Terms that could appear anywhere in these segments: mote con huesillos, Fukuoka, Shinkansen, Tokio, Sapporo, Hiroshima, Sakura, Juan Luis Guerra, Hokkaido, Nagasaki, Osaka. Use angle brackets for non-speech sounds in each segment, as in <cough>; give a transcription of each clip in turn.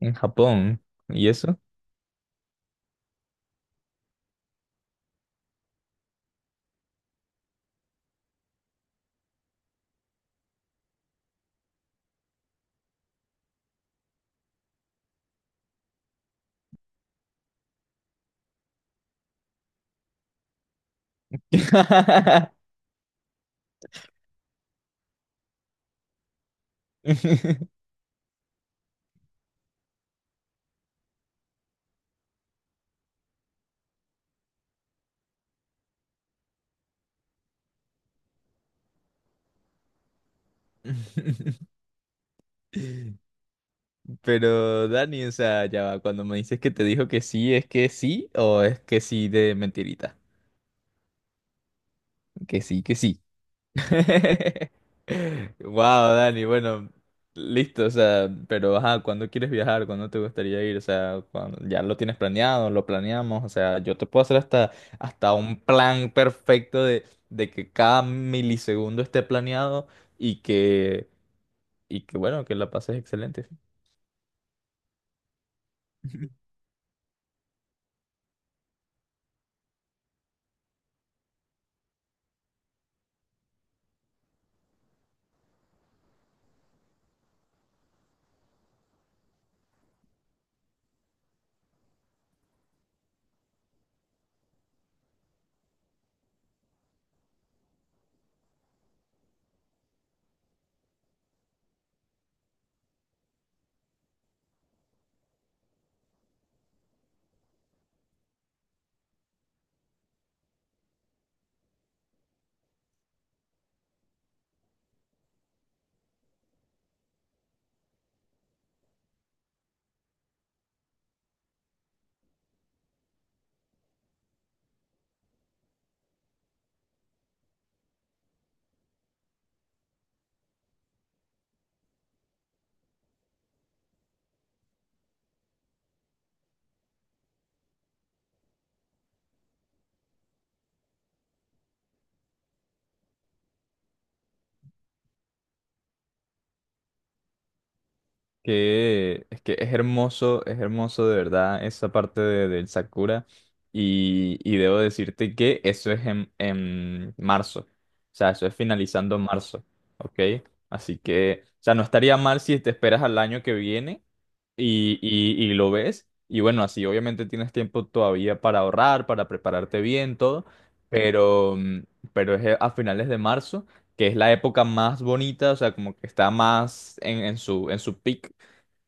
En Japón. ¿Y eso? <laughs> Pero Dani, o sea, ya va, cuando me dices que te dijo que sí, ¿es que sí o es que sí de mentirita? Que sí, que sí. <laughs> Wow, Dani, bueno, listo, o sea, pero ajá, ¿cuándo quieres viajar? ¿Cuándo te gustaría ir? O sea, ¿ya lo tienes planeado? ¿Lo planeamos? O sea, yo te puedo hacer hasta un plan perfecto de que cada milisegundo esté planeado y que y que bueno, que la pases excelente. <laughs> Que es hermoso de verdad esa parte del Sakura. Y debo decirte que eso es en marzo. O sea, eso es finalizando marzo. ¿Ok? Así que, o sea, no estaría mal si te esperas al año que viene y lo ves. Y bueno, así obviamente tienes tiempo todavía para ahorrar, para prepararte bien, todo. Pero, pero es a finales de marzo, que es la época más bonita, o sea, como que está más en su peak.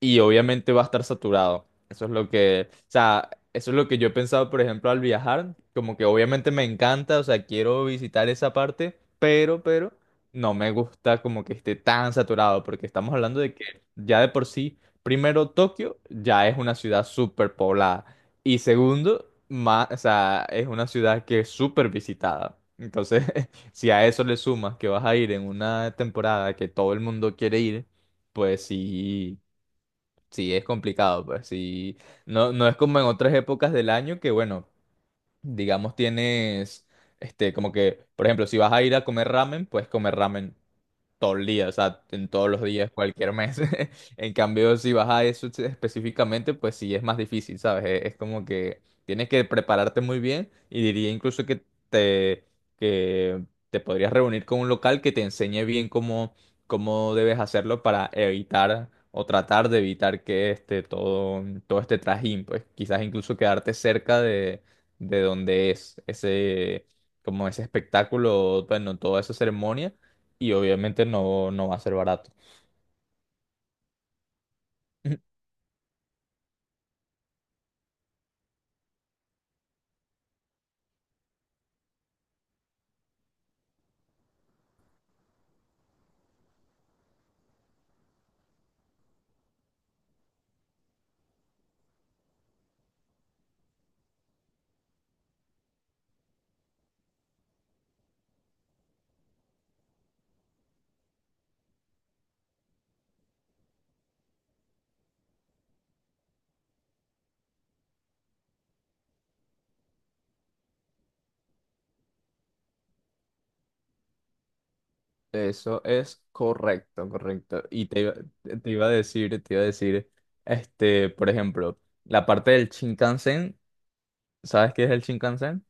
Y obviamente va a estar saturado. Eso es lo que, o sea, eso es lo que yo he pensado, por ejemplo, al viajar. Como que obviamente me encanta, o sea, quiero visitar esa parte, no me gusta como que esté tan saturado, porque estamos hablando de que ya de por sí. Primero, Tokio ya es una ciudad súper poblada. Y segundo, o sea, es una ciudad que es súper visitada. Entonces, <laughs> si a eso le sumas que vas a ir en una temporada que todo el mundo quiere ir, pues sí es complicado. Pues sí, no, no es como en otras épocas del año que, bueno, digamos tienes, como que, por ejemplo, si vas a ir a comer ramen, pues comer ramen todo el día, o sea, en todos los días, cualquier mes. <laughs> En cambio, si vas a eso específicamente, pues sí es más difícil, ¿sabes? Es como que tienes que prepararte muy bien y diría incluso que te, que te podrías reunir con un local que te enseñe bien cómo debes hacerlo para evitar o tratar de evitar que todo este trajín, pues quizás incluso quedarte cerca de donde es ese, como ese espectáculo, bueno, toda esa ceremonia y obviamente no, no va a ser barato. <laughs> Eso es correcto, correcto. Y te iba a decir, este, por ejemplo, la parte del Shinkansen, ¿sabes qué es el Shinkansen?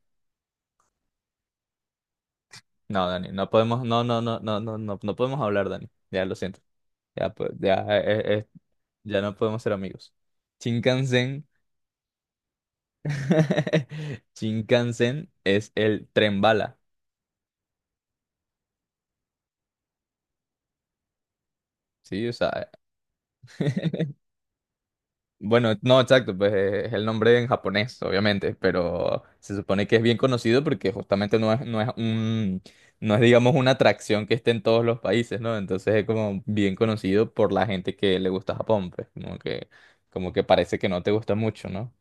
No, Dani, no podemos, no, no, no, no, no, no, no podemos hablar, Dani. Ya lo siento. Ya, pues, ya, ya no podemos ser amigos. Shinkansen, <laughs> Shinkansen es el tren bala, ¿sí? O sea, <laughs> bueno, no, exacto, pues es el nombre en japonés, obviamente, pero se supone que es bien conocido porque justamente no es no es, digamos, una atracción que esté en todos los países, ¿no? Entonces es como bien conocido por la gente que le gusta Japón, como que parece que no te gusta mucho, ¿no?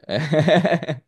<laughs>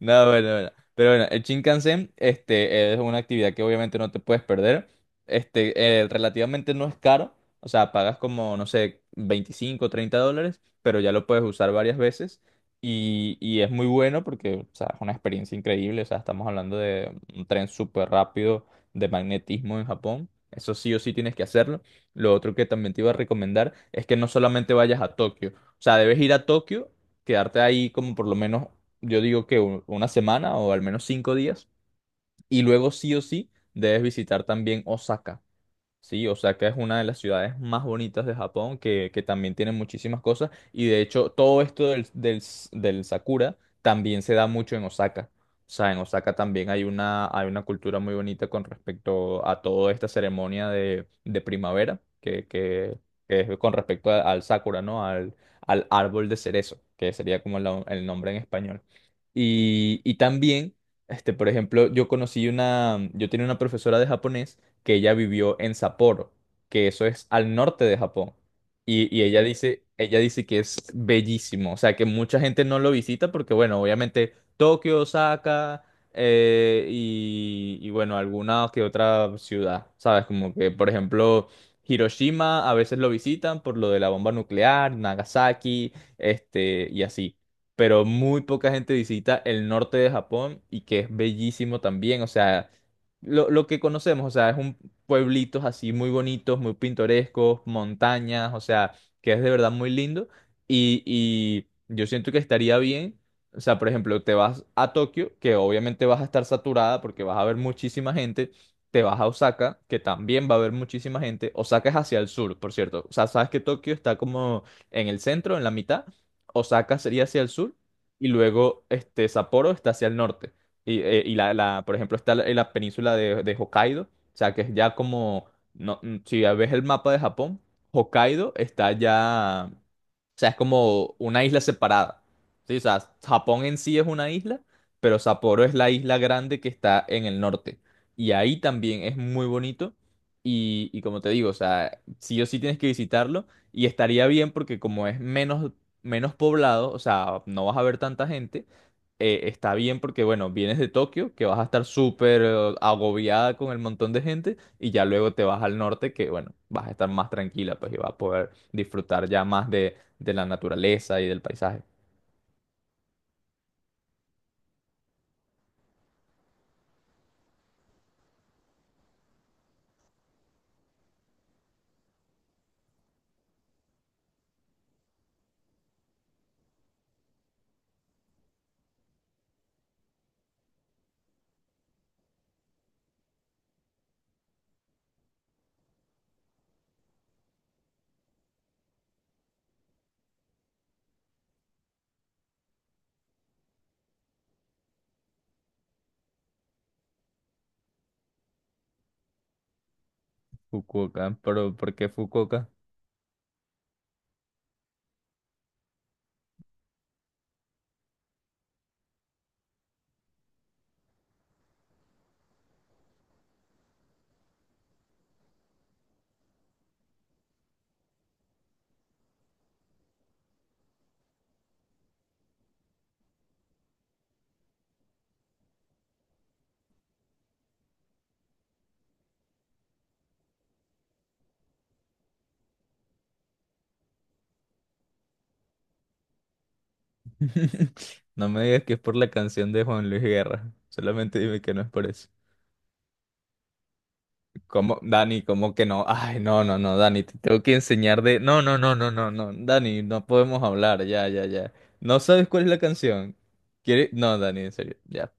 No, bueno, bueno. Pero bueno, el Shinkansen este, es una actividad que obviamente no te puedes perder. Relativamente no es caro. O sea, pagas como, no sé, 25 o $30, pero ya lo puedes usar varias veces. Y es muy bueno porque, o sea, es una experiencia increíble. O sea, estamos hablando de un tren súper rápido de magnetismo en Japón. Eso sí o sí tienes que hacerlo. Lo otro que también te iba a recomendar es que no solamente vayas a Tokio. O sea, debes ir a Tokio, quedarte ahí como por lo menos yo digo que una semana o al menos 5 días. Y luego sí o sí debes visitar también Osaka. Sí, Osaka es una de las ciudades más bonitas de Japón, que también tiene muchísimas cosas. Y de hecho, todo esto del Sakura también se da mucho en Osaka. O sea, en Osaka también hay hay una cultura muy bonita con respecto a toda esta ceremonia de primavera, que es con respecto al Sakura, ¿no? Al, al árbol de cerezo, que sería como el nombre en español. Y también, este, por ejemplo, yo tenía una profesora de japonés que ella vivió en Sapporo, que eso es al norte de Japón. Y ella dice que es bellísimo, o sea, que mucha gente no lo visita porque, bueno, obviamente Tokio, Osaka, bueno, alguna que otra ciudad, ¿sabes? Como que, por ejemplo, Hiroshima a veces lo visitan por lo de la bomba nuclear, Nagasaki, y así, pero muy poca gente visita el norte de Japón y que es bellísimo también. O sea, lo que conocemos, o sea, es un, pueblitos así muy bonitos, muy pintorescos, montañas, o sea, que es de verdad muy lindo. Y yo siento que estaría bien, o sea, por ejemplo, te vas a Tokio, que obviamente vas a estar saturada porque vas a ver muchísima gente, te vas a Osaka, que también va a haber muchísima gente. Osaka es hacia el sur, por cierto. O sea, sabes que Tokio está como en el centro, en la mitad. Osaka sería hacia el sur y luego este Sapporo está hacia el norte. Y por ejemplo, está la península de Hokkaido, o sea, que es ya como, no, si ves el mapa de Japón, Hokkaido está ya, o sea, es como una isla separada. ¿Sí? O sea, Japón en sí es una isla, pero Sapporo es la isla grande que está en el norte. Y ahí también es muy bonito. Y como te digo, o sea, sí o sí tienes que visitarlo. Y estaría bien porque como es menos poblado, o sea, no vas a ver tanta gente. Está bien porque, bueno, vienes de Tokio, que vas a estar súper agobiada con el montón de gente, y ya luego te vas al norte, que, bueno, vas a estar más tranquila, pues, y vas a poder disfrutar ya más de la naturaleza y del paisaje. Fukuoka, pero ¿por qué Fukuoka? <laughs> No me digas que es por la canción de Juan Luis Guerra. Solamente dime que no es por eso. ¿Cómo, Dani? ¿Cómo que no? Ay, no, no, no, Dani, te tengo que enseñar de. No, no, no, no, no, no, Dani, no podemos hablar, ya, ya, ya. ¿No sabes cuál es la canción? Quiere no, Dani, en serio, ya.